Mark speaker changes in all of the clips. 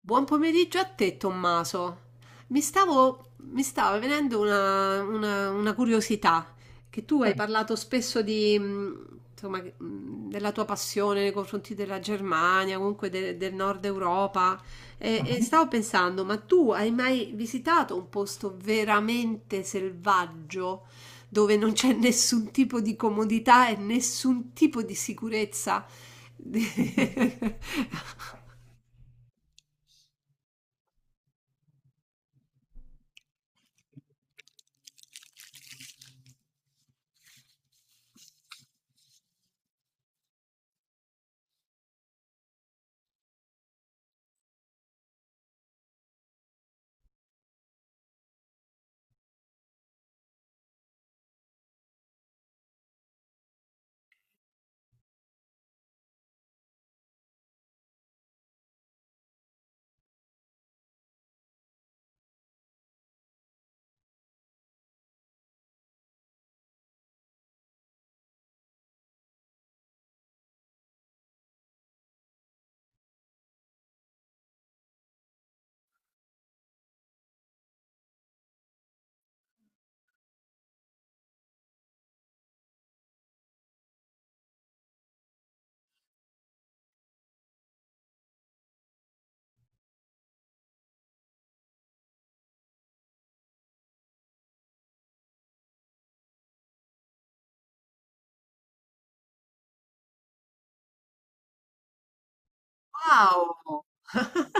Speaker 1: Buon pomeriggio a te, Tommaso. Mi stava venendo una curiosità, che tu hai parlato spesso della tua passione nei confronti della Germania, comunque del Nord Europa, e stavo pensando, ma tu hai mai visitato un posto veramente selvaggio, dove non c'è nessun tipo di comodità e nessun tipo di sicurezza? Wow!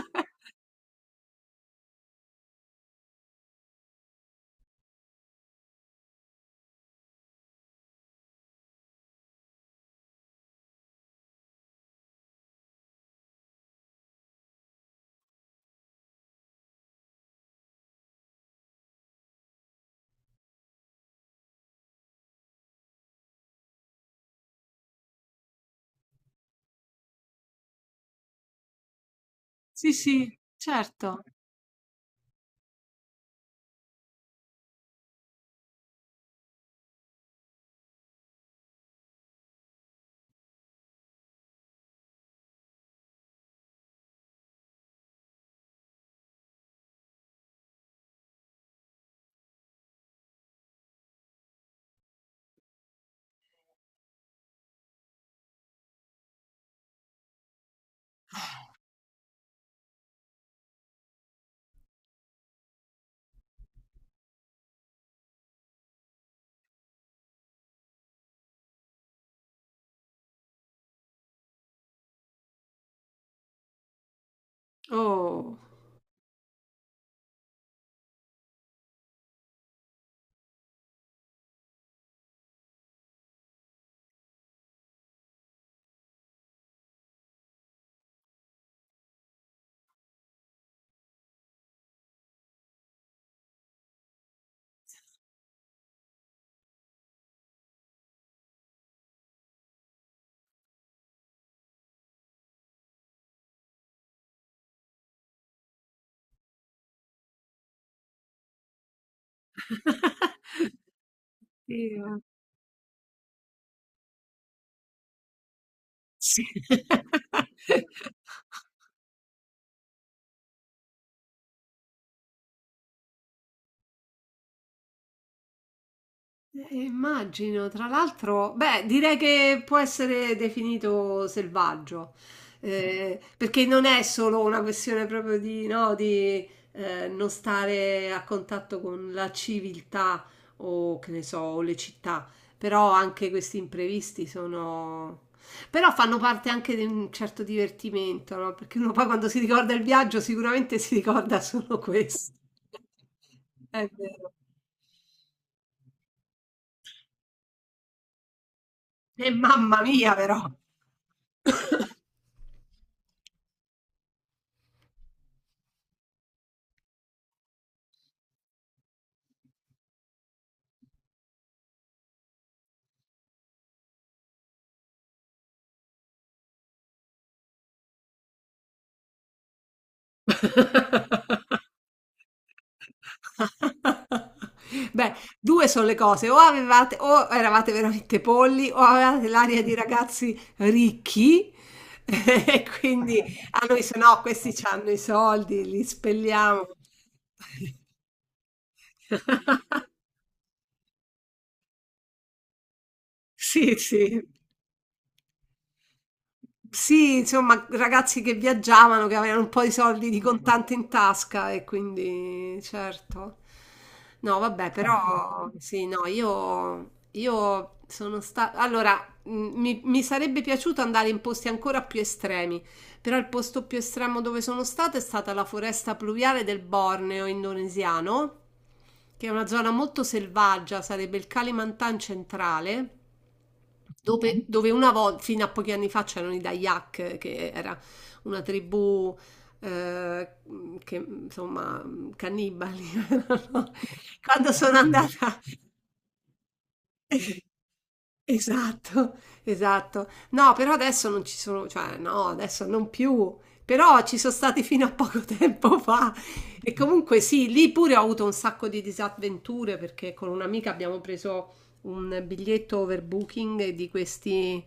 Speaker 1: Sì, sì, certo. Oh. Sì, va. Sì. Immagino, tra l'altro, beh, direi che può essere definito selvaggio, perché non è solo una questione proprio di, no, di non stare a contatto con la civiltà o che ne so, o le città, però anche questi imprevisti sono... però fanno parte anche di un certo divertimento, no? Perché uno poi quando si ricorda il viaggio sicuramente si ricorda solo questo. È vero. E mamma mia, però. Beh, due sono le cose, o avevate, o eravate veramente polli, o avevate l'aria di ragazzi ricchi, e quindi a noi se no questi hanno i soldi, li spelliamo. Sì, sì. Sì, insomma, ragazzi che viaggiavano, che avevano un po' di soldi di contante in tasca e quindi, certo. No, vabbè, però sì, no, io sono stata... Allora, mh, mi sarebbe piaciuto andare in posti ancora più estremi, però il posto più estremo dove sono stata è stata la foresta pluviale del Borneo indonesiano, che è una zona molto selvaggia, sarebbe il Kalimantan centrale. Dove una volta, fino a pochi anni fa, c'erano i Dayak, che era una tribù, eh, che insomma cannibali. No? Quando sono andata. Esatto, esatto. No, però adesso non ci sono, cioè no, adesso non più, però ci sono stati fino a poco tempo fa. E comunque sì, lì pure ho avuto un sacco di disavventure perché con un'amica abbiamo preso un biglietto overbooking di questi,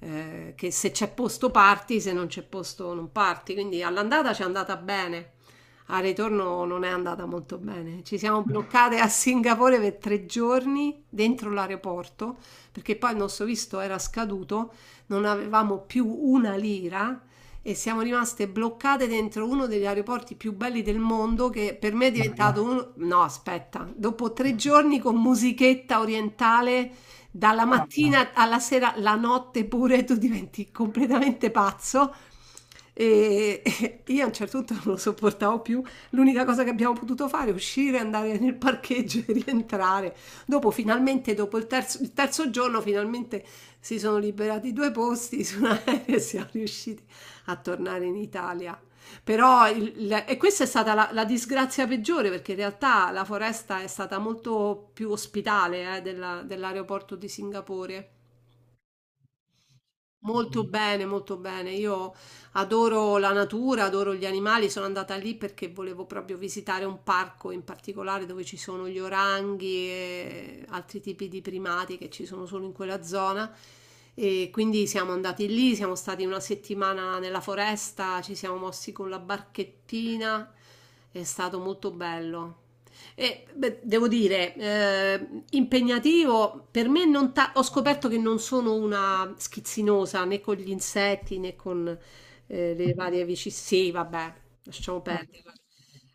Speaker 1: che se c'è posto parti, se non c'è posto non parti. Quindi all'andata ci è andata bene, al ritorno non è andata molto bene. Ci siamo bloccate a Singapore per tre giorni dentro l'aeroporto perché poi il nostro visto era scaduto, non avevamo più una lira. E siamo rimaste bloccate dentro uno degli aeroporti più belli del mondo che per me è diventato uno... No, aspetta, dopo tre giorni con musichetta orientale dalla mattina alla sera, la notte pure, tu diventi completamente pazzo. E io a un certo punto non lo sopportavo più. L'unica cosa che abbiamo potuto fare è uscire, andare nel parcheggio e rientrare. Dopo, finalmente, dopo il terzo giorno, finalmente si sono liberati due posti su un aereo e siamo riusciti a tornare in Italia. Però e questa è stata la disgrazia peggiore perché in realtà la foresta è stata molto più ospitale dell'aeroporto di Singapore. Molto bene, molto bene. Io adoro la natura, adoro gli animali. Sono andata lì perché volevo proprio visitare un parco in particolare dove ci sono gli oranghi e altri tipi di primati che ci sono solo in quella zona. E quindi siamo andati lì, siamo stati una settimana nella foresta, ci siamo mossi con la barchettina. È stato molto bello. E, beh, devo dire, impegnativo, per me non ta- ho scoperto che non sono una schizzinosa né con gli insetti né con le varie vicine. Sì, vabbè, lasciamo perdere.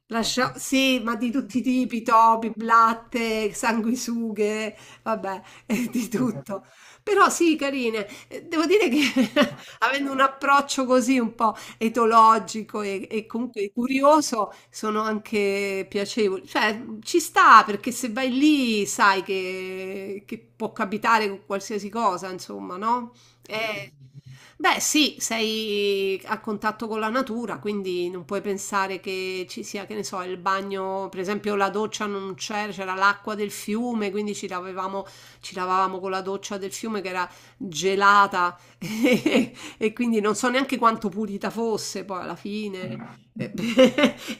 Speaker 1: Lascia- Sì, ma di tutti i tipi, topi, blatte, sanguisughe, vabbè, di tutto. Però sì, carine. Devo dire che avendo un approccio così un po' etologico e comunque curioso sono anche piacevoli. Cioè, ci sta perché se vai lì sai che può capitare qualsiasi cosa, insomma, no? Eh, Beh, sì, sei a contatto con la natura, quindi non puoi pensare che ci sia, che ne so, il bagno, per esempio la doccia non c'era, c'era l'acqua del fiume, quindi ci lavavamo con la doccia del fiume che era gelata e, quindi non so neanche quanto pulita fosse poi alla fine. Mm.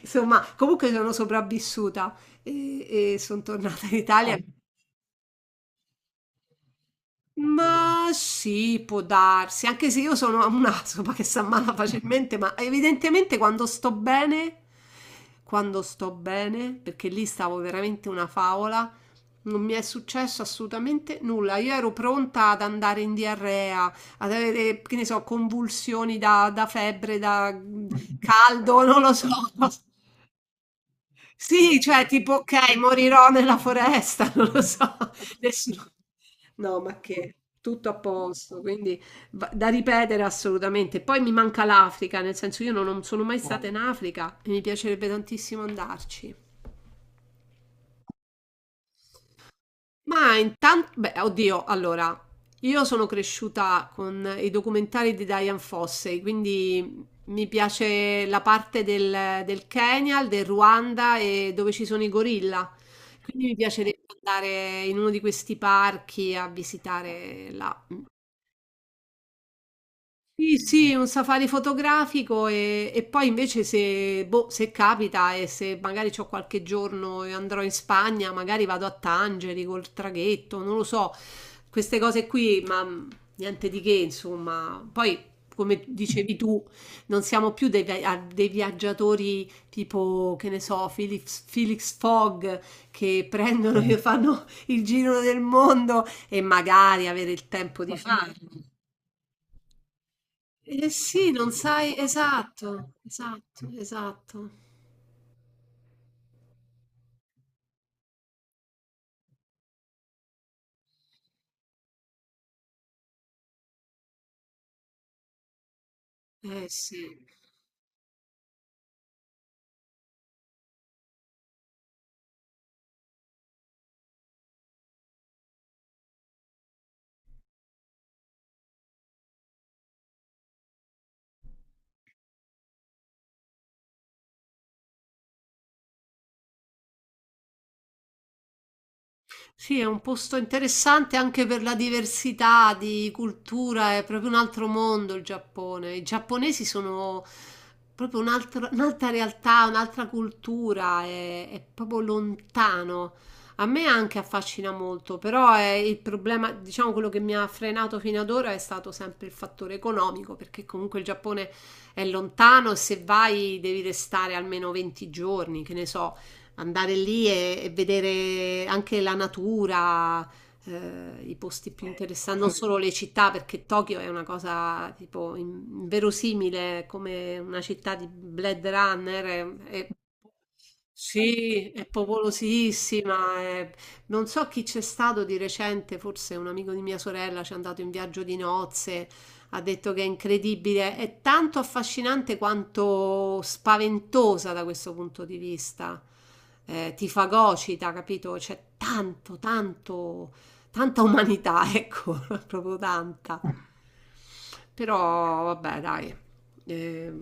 Speaker 1: Insomma, comunque sono sopravvissuta e sono tornata in Italia. Ma sì, può darsi, anche se io sono un'aspa che si ammala facilmente, ma evidentemente quando sto bene, perché lì stavo veramente una favola, non mi è successo assolutamente nulla. Io ero pronta ad andare in diarrea, ad avere, che ne so, convulsioni da febbre, da caldo, non lo so. Sì, cioè tipo: "Okay, morirò nella foresta", non lo so, nessuno no, ma che, tutto a posto, quindi va da ripetere assolutamente. Poi mi manca l'Africa, nel senso io no non sono mai stata in Africa e mi piacerebbe tantissimo andarci. Ma intanto, beh, oddio, allora, io sono cresciuta con i documentari di Diane Fossey, quindi mi piace la parte del Kenya, del Ruanda e dove ci sono i gorilla. Quindi mi piacerebbe andare in uno di questi parchi a visitare là. Sì, sì, un safari fotografico e poi invece se, boh, se capita e se magari ho qualche giorno e andrò in Spagna, magari vado a Tangeri col traghetto, non lo so, queste cose qui, ma niente di che, insomma. Poi, come dicevi tu, non siamo più dei, dei viaggiatori tipo, che ne so, Felix, Felix Fogg che prendono e fanno il giro del mondo e magari avere il tempo di farlo. Eh sì, non sai, esatto, esatto, esatto. Eh sì. Sì, è un posto interessante anche per la diversità di cultura, è proprio un altro mondo il Giappone. I giapponesi sono proprio un'altra realtà, un'altra cultura, è proprio lontano. A me anche affascina molto, però è il problema, diciamo quello che mi ha frenato fino ad ora è stato sempre il fattore economico, perché comunque il Giappone è lontano e se vai devi restare almeno 20 giorni, che ne so, andare lì e vedere anche la natura, i posti più interessanti, non solo le città, perché Tokyo è una cosa tipo inverosimile come una città di Blade Runner. È- sì, è popolosissima. È- non so chi c'è stato di recente, forse un amico di mia sorella ci è andato in viaggio di nozze, ha detto che è incredibile, è tanto affascinante quanto spaventosa da questo punto di vista. Ti fagocita, capito? C'è tanto, tanto, tanta umanità, ecco, proprio tanta. Però vabbè, dai, eh,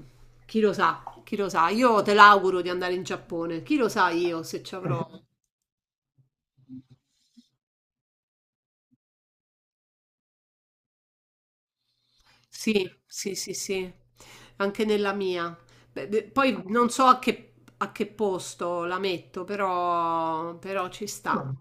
Speaker 1: chi lo sa, chi lo sa. Io te l'auguro di andare in Giappone, chi lo sa io se ci avrò sì, sì, sì, sì, anche nella mia. Beh, de- poi non so a che posto la metto, però, però ci sta.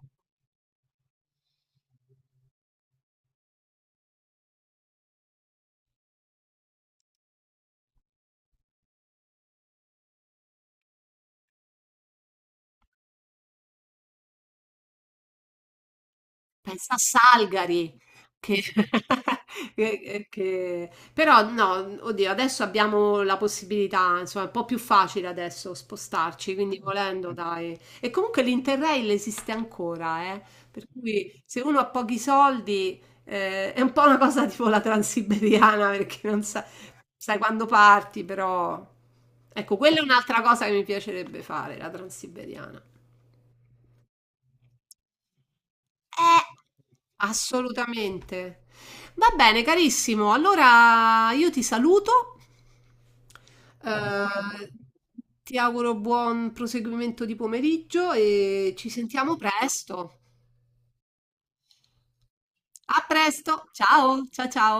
Speaker 1: Pensa a Salgari, che, però no, oddio, adesso abbiamo la possibilità, insomma, è un po' più facile adesso spostarci, quindi volendo, dai. E comunque l'Interrail esiste ancora, eh? Per cui se uno ha pochi soldi... è un po' una cosa tipo la transiberiana perché non sai quando parti, però. Ecco, quella è un'altra cosa che mi piacerebbe fare, la Transiberiana. Eh, Assolutamente. Va bene, carissimo. Allora io ti saluto. Eh, ti auguro buon proseguimento di pomeriggio e ci sentiamo presto. A presto. Ciao, ciao, ciao.